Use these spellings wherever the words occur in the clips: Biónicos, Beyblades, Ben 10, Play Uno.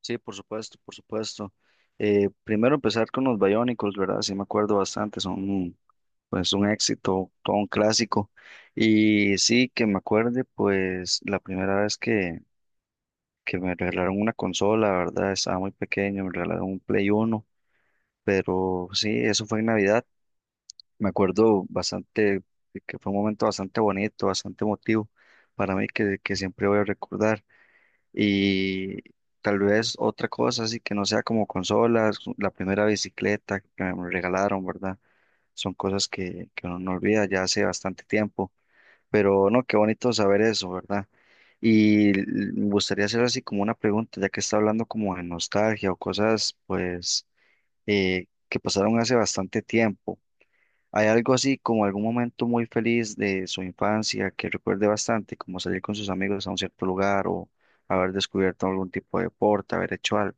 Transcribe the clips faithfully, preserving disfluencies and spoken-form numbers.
Sí, por supuesto, por supuesto. Eh, primero empezar con los Biónicos, ¿verdad? Sí, me acuerdo bastante, son pues un éxito, todo un clásico. Y sí, que me acuerde, pues la primera vez que, que me regalaron una consola, ¿verdad? Estaba muy pequeño, me regalaron un Play Uno, pero sí, eso fue en Navidad. Me acuerdo bastante, que fue un momento bastante bonito, bastante emotivo para mí que, que siempre voy a recordar. Y tal vez otra cosa, así que no sea como consolas, la primera bicicleta que me regalaron, ¿verdad? Son cosas que, que uno no olvida ya hace bastante tiempo. Pero no, qué bonito saber eso, ¿verdad? Y l- me gustaría hacer así como una pregunta, ya que está hablando como de nostalgia o cosas, pues, eh, que pasaron hace bastante tiempo. ¿Hay algo así como algún momento muy feliz de su infancia que recuerde bastante, como salir con sus amigos a un cierto lugar o haber descubierto algún tipo de deporte, haber hecho algo?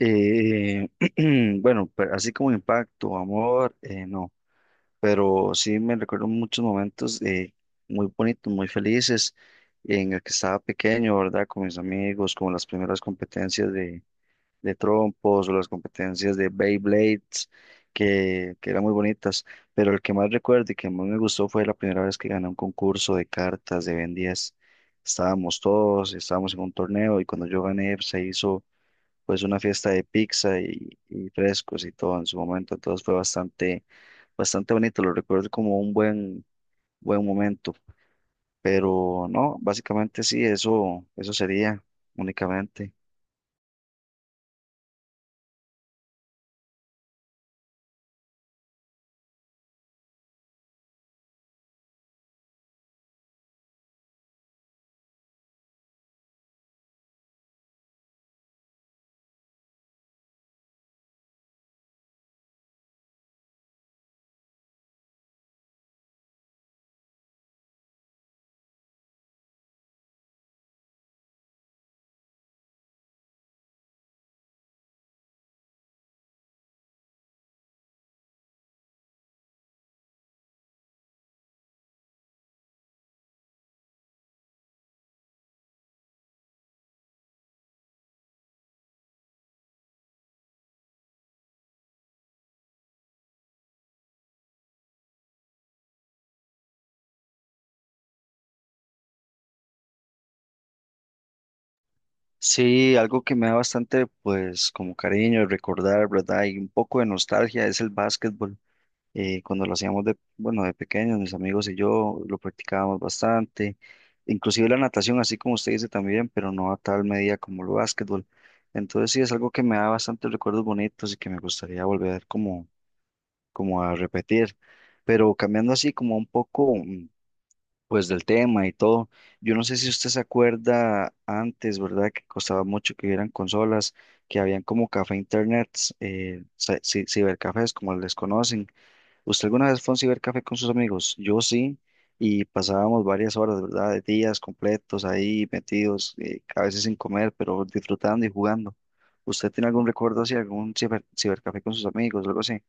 Eh, bueno, pero así como impacto, amor, eh, no, pero sí me recuerdo muchos momentos eh, muy bonitos, muy felices en el que estaba pequeño, ¿verdad? Con mis amigos, con las primeras competencias de. De trompos o las competencias de Beyblades, que, que eran muy bonitas, pero el que más recuerdo y que más me gustó fue la primera vez que gané un concurso de cartas de Ben diez. Estábamos todos, estábamos en un torneo y cuando yo gané pues, se hizo pues una fiesta de pizza y, y frescos y todo en su momento, entonces fue bastante, bastante bonito, lo recuerdo como un buen, buen momento, pero no, básicamente sí, eso, eso sería únicamente. Sí, algo que me da bastante, pues, como cariño recordar, ¿verdad? Y un poco de nostalgia es el básquetbol. Eh, cuando lo hacíamos de, bueno, de pequeños, mis amigos y yo lo practicábamos bastante. Inclusive la natación, así como usted dice también, pero no a tal medida como el básquetbol. Entonces sí, es algo que me da bastantes recuerdos bonitos y que me gustaría volver como, como a repetir. Pero cambiando así como un poco, pues del tema y todo. Yo no sé si usted se acuerda antes, ¿verdad? Que costaba mucho que hubieran consolas, que habían como café internets, eh, ci- ci- cibercafés, como les conocen. ¿Usted alguna vez fue a un cibercafé con sus amigos? Yo sí, y pasábamos varias horas, ¿verdad? De días completos ahí metidos, eh, a veces sin comer, pero disfrutando y jugando. ¿Usted tiene algún recuerdo así, algún ciber- cibercafé con sus amigos, algo así?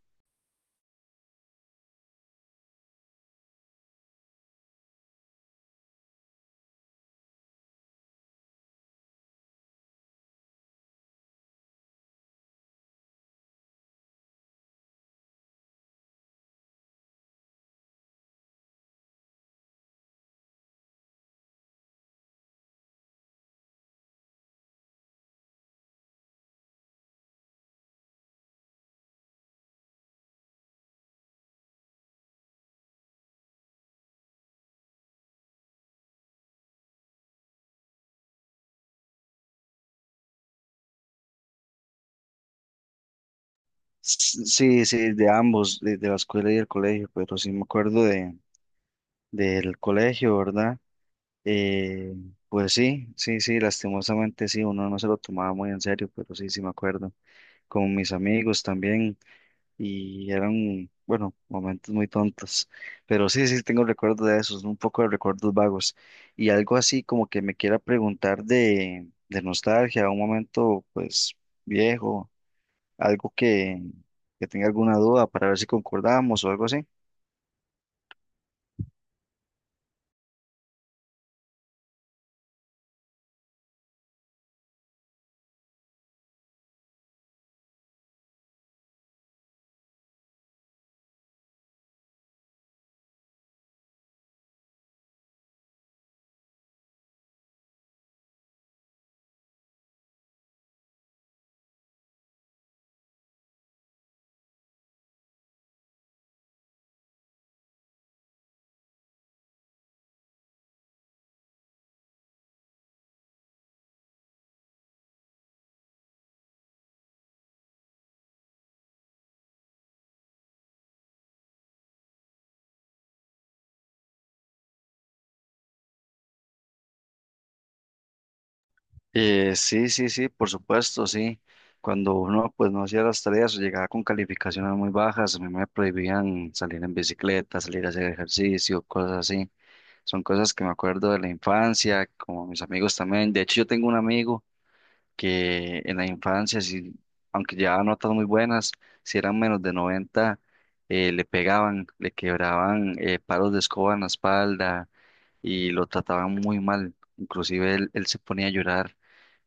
S- Sí, sí, de ambos, de, de la escuela y el colegio, pero sí me acuerdo de del colegio, ¿verdad? Eh, pues sí, sí, sí, lastimosamente sí, uno no se lo tomaba muy en serio, pero sí, sí me acuerdo, con mis amigos también, y eran, bueno, momentos muy tontos, pero sí, sí, tengo recuerdos de esos, un poco de recuerdos vagos, y algo así como que me quiera preguntar de, de nostalgia, un momento pues viejo, algo que, que tenga alguna duda para ver si concordamos o algo así. Eh, sí, sí, sí, por supuesto, sí. Cuando uno pues no hacía las tareas o llegaba con calificaciones muy bajas, a mí me prohibían salir en bicicleta, salir a hacer ejercicio, cosas así. Son cosas que me acuerdo de la infancia, como mis amigos también. De hecho, yo tengo un amigo que en la infancia, sí, aunque llevaba notas muy buenas, si eran menos de noventa, eh, le pegaban, le quebraban eh, palos de escoba en la espalda y lo trataban muy mal. Inclusive él él se ponía a llorar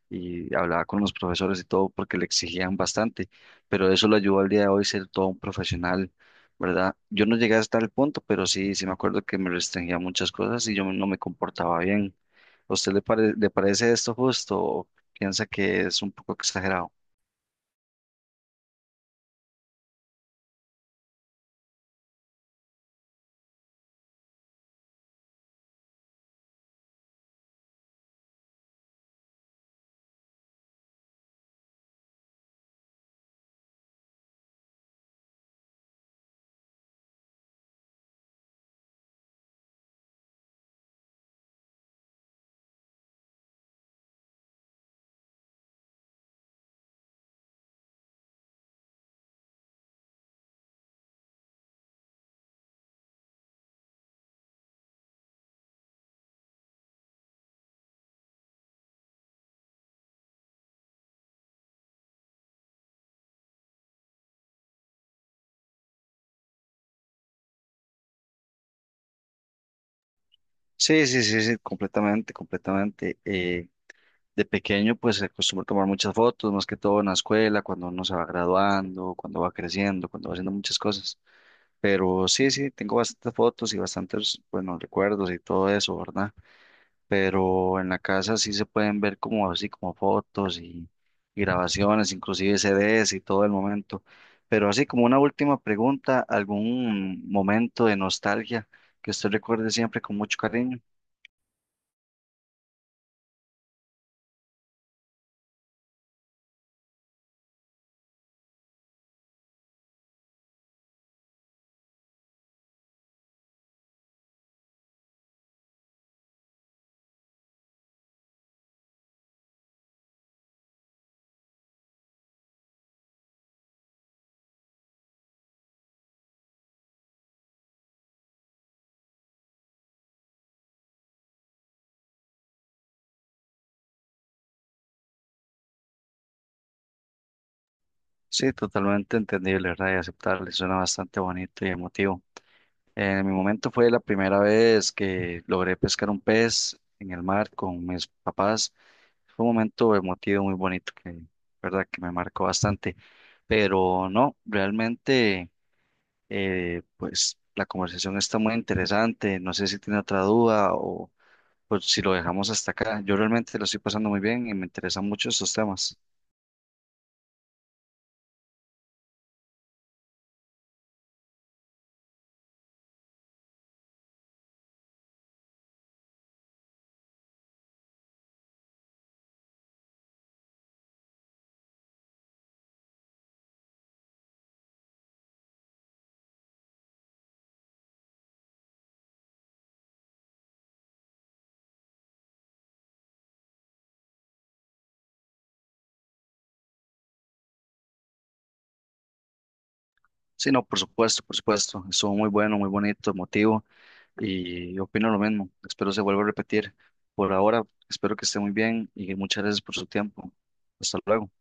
y hablaba con los profesores y todo porque le exigían bastante, pero eso lo ayudó al día de hoy ser todo un profesional, ¿verdad? Yo no llegué hasta el punto, pero sí, sí me acuerdo que me restringía muchas cosas y yo no me comportaba bien. ¿A usted le pare- le parece esto justo o piensa que es un poco exagerado? Sí, sí, sí, sí, completamente, completamente. Eh, de pequeño, pues se acostumbra a tomar muchas fotos, más que todo en la escuela, cuando uno se va graduando, cuando va creciendo, cuando va haciendo muchas cosas. Pero sí, sí, tengo bastantes fotos y bastantes, bueno, recuerdos y todo eso, ¿verdad? Pero en la casa sí se pueden ver como así, como fotos y, y grabaciones, inclusive C Ds y todo el momento. Pero así como una última pregunta, ¿algún momento de nostalgia que usted recuerde siempre con mucho cariño? Sí, totalmente entendible, ¿verdad? Y aceptable, suena bastante bonito y emotivo. En mi momento fue la primera vez que logré pescar un pez en el mar con mis papás. Fue un momento emotivo muy bonito que, verdad, que me marcó bastante. Pero no, realmente, eh, pues la conversación está muy interesante. No sé si tiene otra duda o pues, si lo dejamos hasta acá. Yo realmente lo estoy pasando muy bien y me interesan mucho estos temas. Sí, no, por supuesto, por supuesto. Estuvo muy bueno, muy bonito, emotivo. Y opino lo mismo. Espero se vuelva a repetir. Por ahora, espero que esté muy bien y muchas gracias por su tiempo. Hasta luego.